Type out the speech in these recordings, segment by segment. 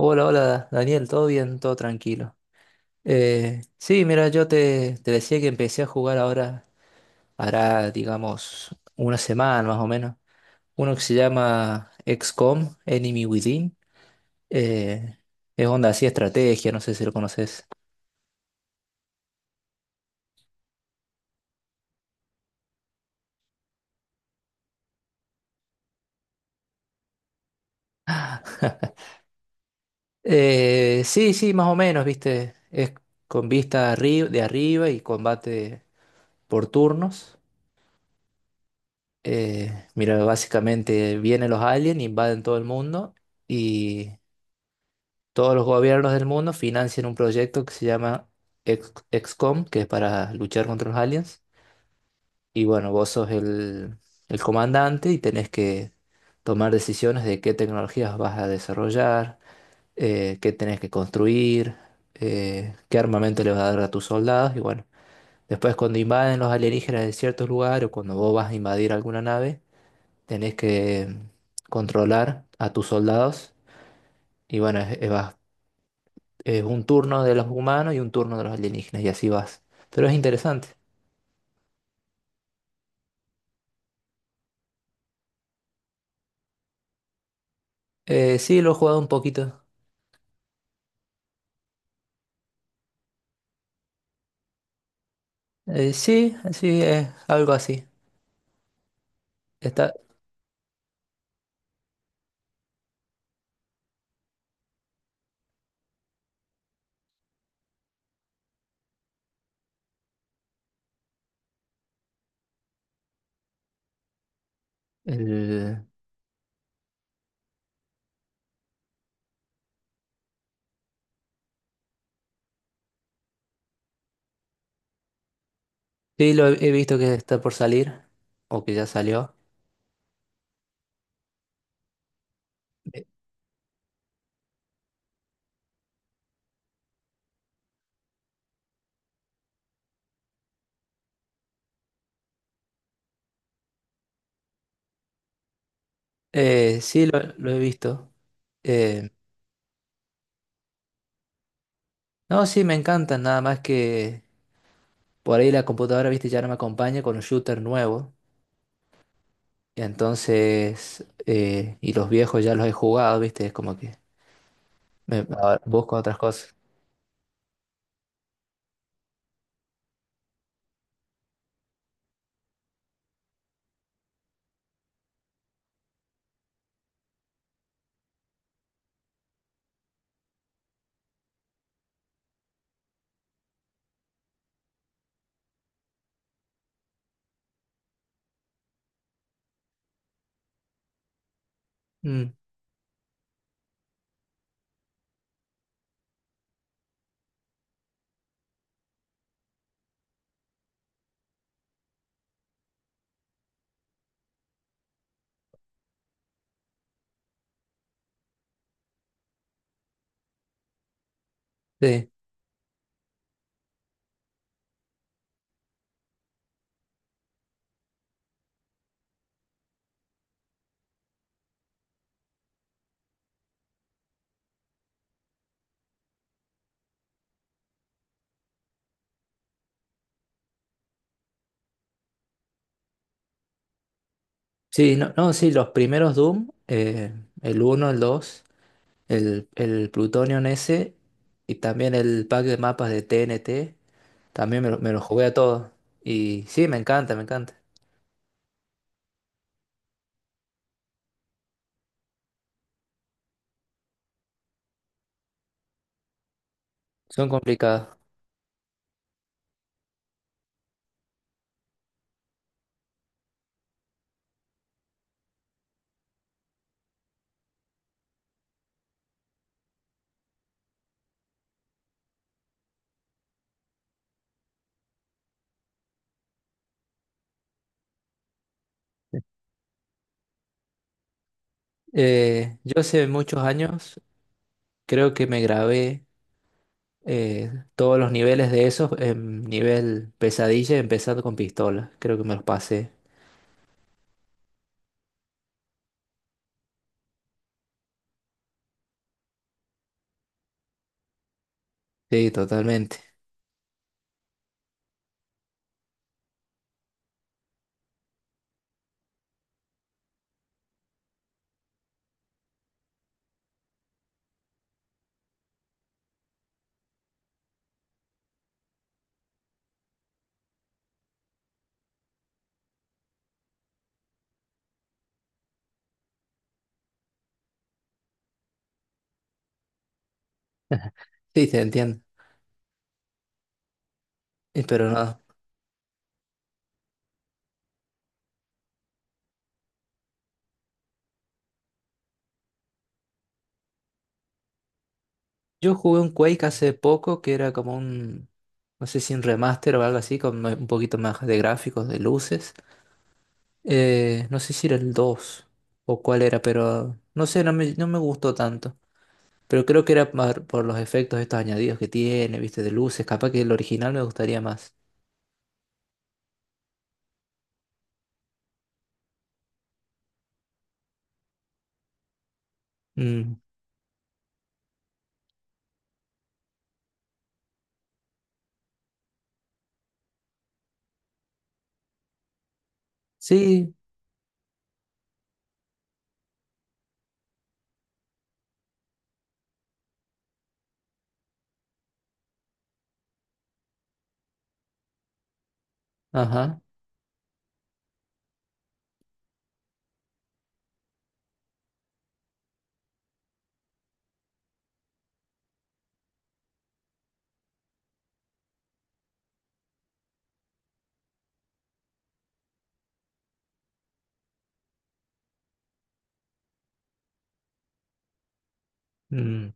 Hola, hola, Daniel, todo bien, todo tranquilo. Sí, mira, yo te decía que empecé a jugar ahora, hará, digamos, una semana más o menos. Uno que se llama XCOM, Enemy Within. Eh, es onda así, estrategia, no sé si lo conoces. Sí, sí, más o menos, viste. Es con vista de arriba y combate por turnos. Mira, básicamente vienen los aliens, invaden todo el mundo. Todos los gobiernos del mundo financian un proyecto que se llama XCOM, que es para luchar contra los aliens. Y bueno, vos sos el comandante y tenés que tomar decisiones de qué tecnologías vas a desarrollar, qué tenés que construir, qué armamento le vas a dar a tus soldados. Y bueno, después cuando invaden los alienígenas de ciertos lugares o cuando vos vas a invadir alguna nave, tenés que controlar a tus soldados. Y bueno, es- vas es un turno de los humanos y un turno de los alienígenas y así vas. Pero es interesante. Sí, lo he jugado un poquito. Sí, sí, es algo así. Está, el- sí, lo he visto que está por salir o que ya salió. Eh, sí, lo he visto. Eh, no, sí, me encantan nada más que por ahí la computadora, viste, ya no me acompaña con un shooter nuevo. Entonces, y los viejos ya los he jugado, viste, es como que ahora busco otras cosas. Mm, sí. Sí, no, no, sí, los primeros Doom, el uno, el 2, el Plutonium ese y también el pack de mapas de TNT, también me lo jugué a todos. Y sí, me encanta, me encanta. Son complicados. Yo hace muchos años creo que me grabé todos los niveles de esos en nivel pesadilla, empezando con pistola. Creo que me los pasé. Sí, totalmente. Sí, te entiendo. Pero no. Yo jugué un Quake hace poco que era como un, no sé si un remaster o algo así, con un poquito más de gráficos, de luces. No sé si era el 2 o cuál era, pero no sé, no me gustó tanto. Pero creo que era más por los efectos estos añadidos que tiene, viste, de luces. Capaz que el original me gustaría más. Mm. Sí, ajá. Mm.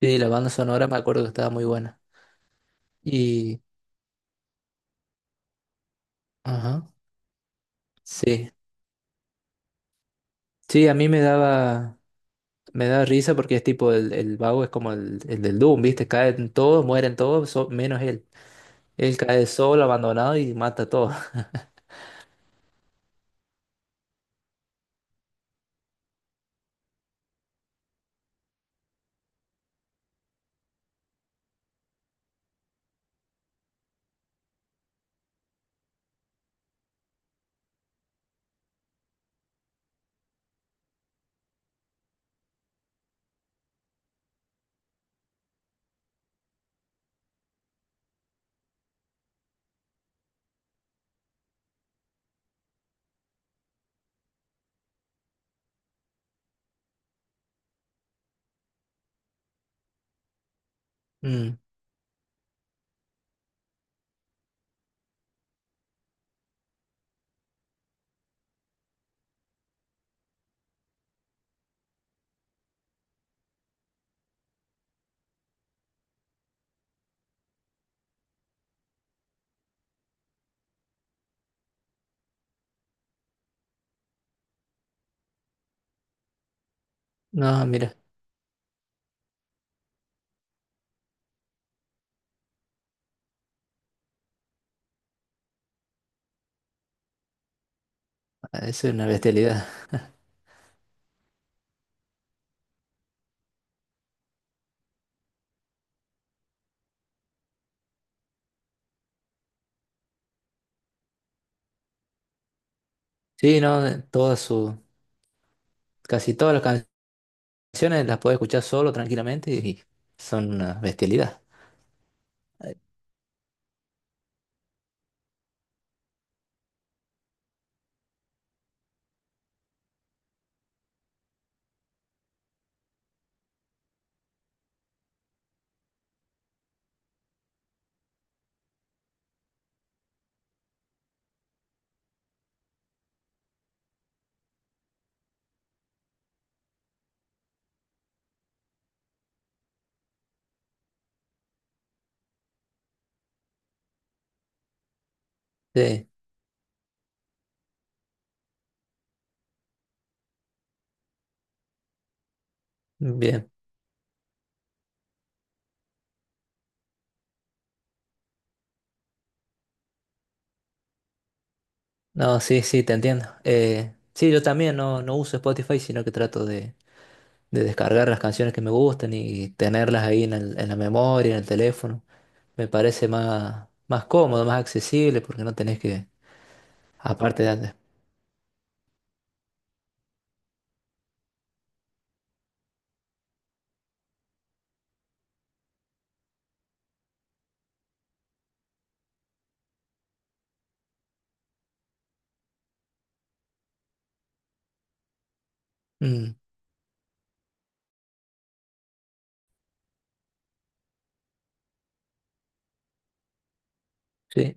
Sí, la banda sonora me acuerdo que estaba muy buena. Y, ajá. Sí. Sí, a mí me daba. Me da risa porque es tipo el vago es como el del Doom, ¿viste? Caen todos, mueren todos, menos él. Él cae solo, abandonado y mata a todos. Mm. No, mira, es una bestialidad. Sí, no, casi todas las canciones las puedes escuchar solo, tranquilamente, y son una bestialidad. Sí, bien. No, sí, sí, te entiendo. Sí, yo también no, no uso Spotify, sino que trato de descargar las canciones que me gustan y tenerlas ahí en en la memoria, en el teléfono. Me parece más, más cómodo, más accesible, porque no tenés que, aparte de antes. Mm, sí,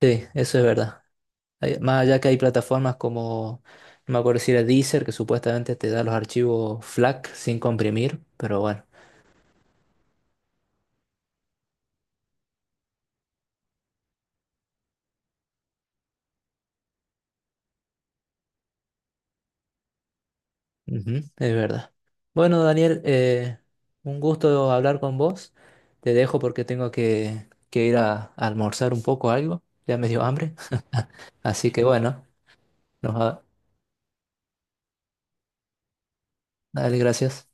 sí, eso es verdad. Más allá que hay plataformas como, no me acuerdo si era Deezer, que supuestamente te da los archivos FLAC sin comprimir, pero bueno, ujú, es verdad. Bueno, Daniel, un gusto hablar con vos. Te dejo porque tengo que ir a almorzar un poco algo. Ya me dio hambre. Así que bueno, nos, va- dale, gracias.